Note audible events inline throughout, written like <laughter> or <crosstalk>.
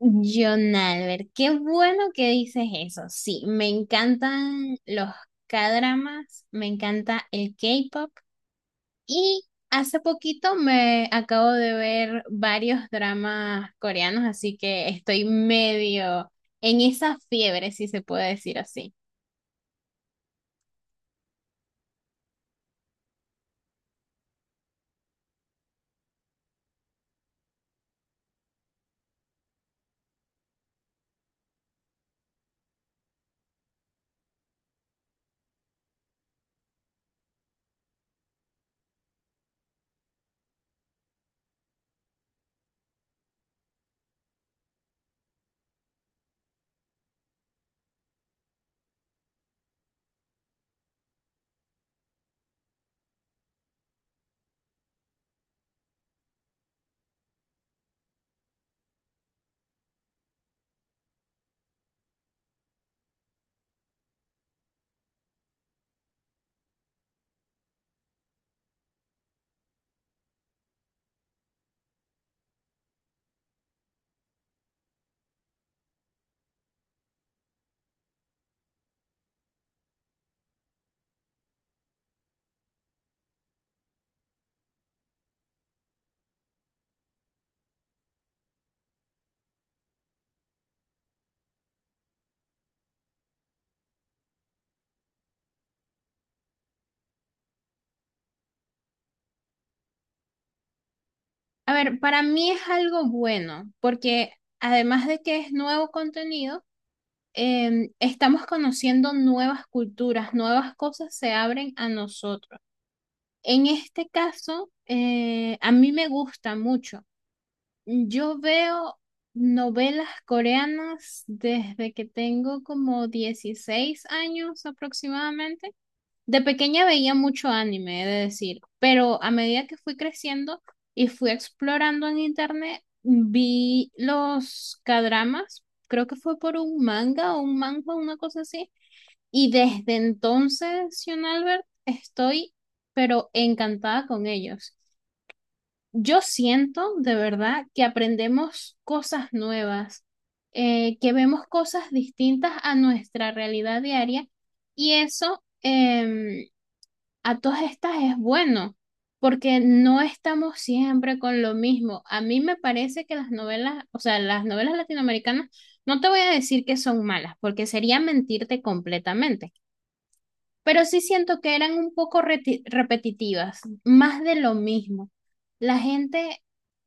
John Albert, qué bueno que dices eso. Sí, me encantan los K-dramas, me encanta el K-pop y hace poquito me acabo de ver varios dramas coreanos, así que estoy medio en esa fiebre, si se puede decir así. A ver, para mí es algo bueno, porque además de que es nuevo contenido, estamos conociendo nuevas culturas, nuevas cosas se abren a nosotros. En este caso, a mí me gusta mucho. Yo veo novelas coreanas desde que tengo como 16 años aproximadamente. De pequeña veía mucho anime, he de decir, pero a medida que fui creciendo y fui explorando en internet, vi los kdramas. Creo que fue por un manga o un manga, una cosa así y desde entonces, Sion Albert, estoy pero encantada con ellos. Yo siento de verdad que aprendemos cosas nuevas, que vemos cosas distintas a nuestra realidad diaria y eso a todas estas es bueno, porque no estamos siempre con lo mismo. A mí me parece que las novelas, o sea, las novelas latinoamericanas, no te voy a decir que son malas, porque sería mentirte completamente, pero sí siento que eran un poco repetitivas, más de lo mismo. La gente,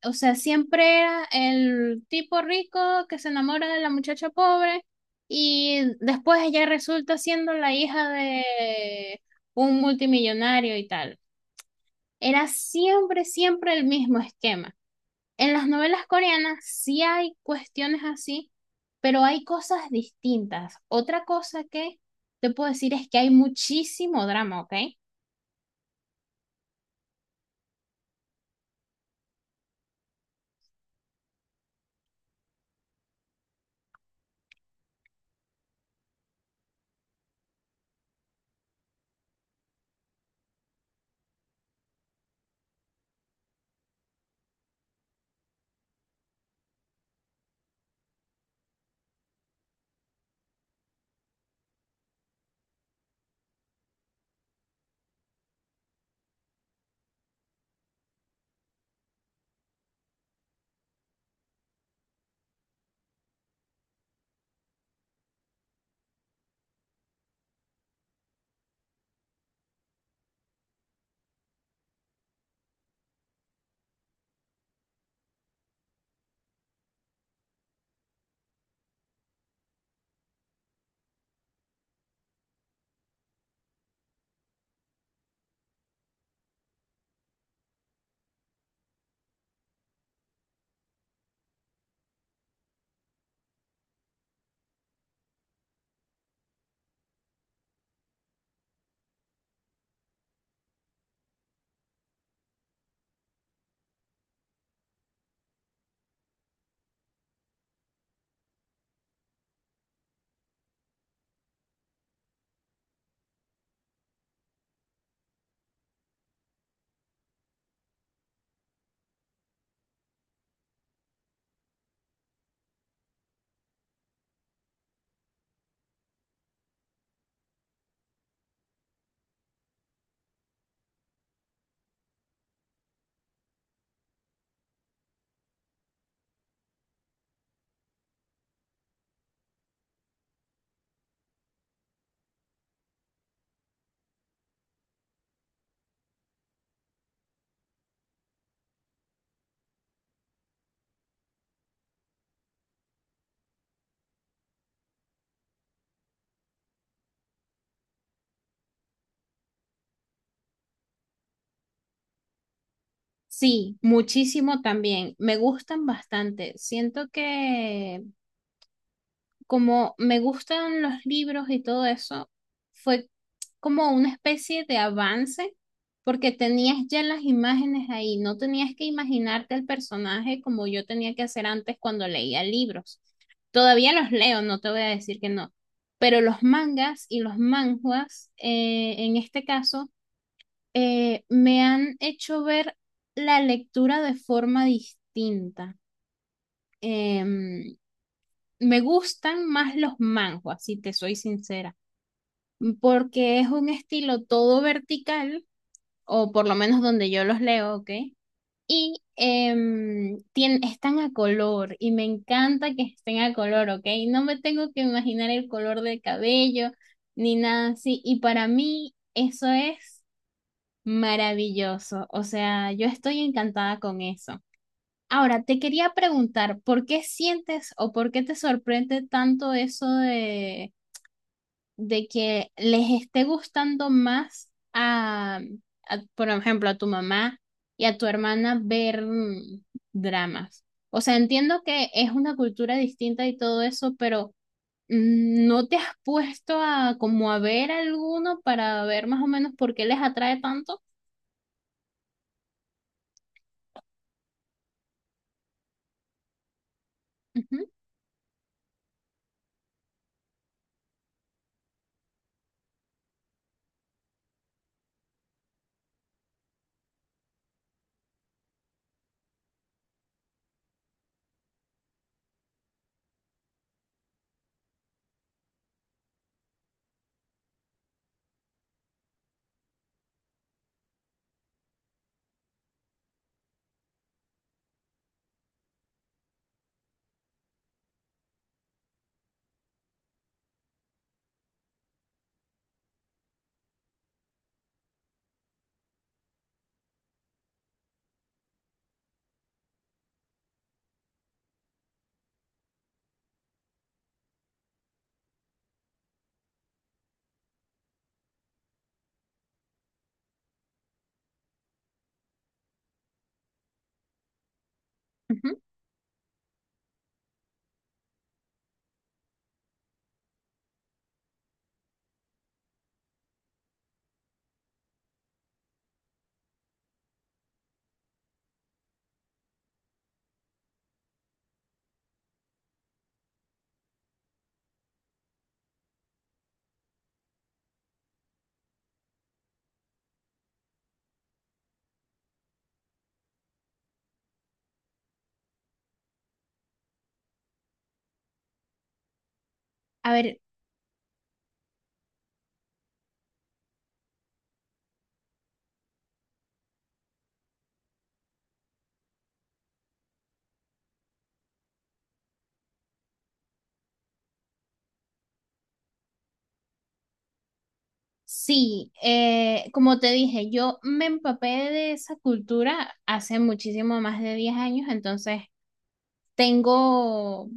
o sea, siempre era el tipo rico que se enamora de la muchacha pobre y después ella resulta siendo la hija de un multimillonario y tal. Era siempre, siempre el mismo esquema. En las novelas coreanas sí hay cuestiones así, pero hay cosas distintas. Otra cosa que te puedo decir es que hay muchísimo drama, ¿ok? Sí, muchísimo también. Me gustan bastante. Siento que como me gustan los libros y todo eso, fue como una especie de avance, porque tenías ya las imágenes ahí, no tenías que imaginarte el personaje como yo tenía que hacer antes cuando leía libros. Todavía los leo, no te voy a decir que no, pero los mangas y los manhwas, en este caso, me han hecho ver la lectura de forma distinta. Em, me gustan más los manhwas, si te soy sincera, porque es un estilo todo vertical, o por lo menos donde yo los leo, ¿ok? Y están a color, y me encanta que estén a color, ¿ok? No me tengo que imaginar el color del cabello, ni nada así, y para mí eso es maravilloso, o sea, yo estoy encantada con eso. Ahora, te quería preguntar, ¿por qué sientes o por qué te sorprende tanto eso de que les esté gustando más a, por ejemplo, a tu mamá y a tu hermana ver mm, dramas? O sea, entiendo que es una cultura distinta y todo eso, pero mm, ¿no te has puesto a como a ver alguno para ver más o menos por qué les atrae tanto? Ujú, ujú. A ver, sí, como te dije, yo me empapé de esa cultura hace muchísimo más de 10 años, entonces tengo,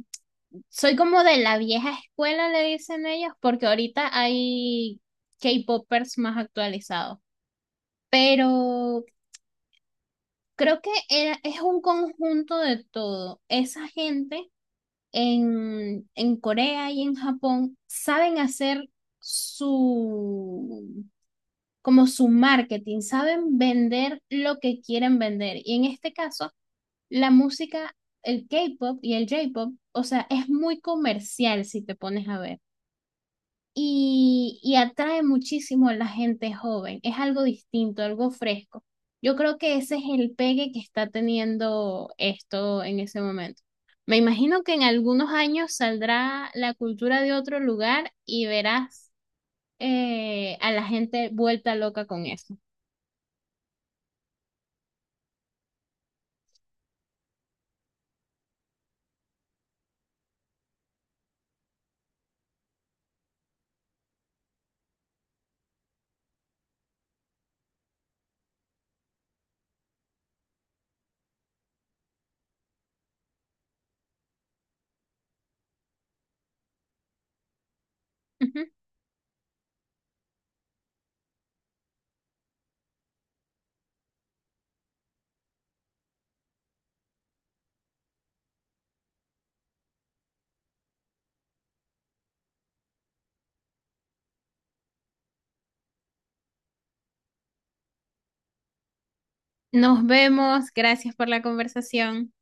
soy como de la vieja escuela, le dicen ellos, porque ahorita hay K-popers más actualizados. Pero creo que es un conjunto de todo. Esa gente en Corea y en Japón saben hacer su, como su marketing, saben vender lo que quieren vender. Y en este caso, la música, el K-pop y el J-pop, o sea, es muy comercial si te pones a ver. Y, y atrae muchísimo a la gente joven. Es algo distinto, algo fresco. Yo creo que ese es el pegue que está teniendo esto en ese momento. Me imagino que en algunos años saldrá la cultura de otro lugar y verás a la gente vuelta loca con eso. <laughs> Ujú. Nos vemos. Gracias por la conversación.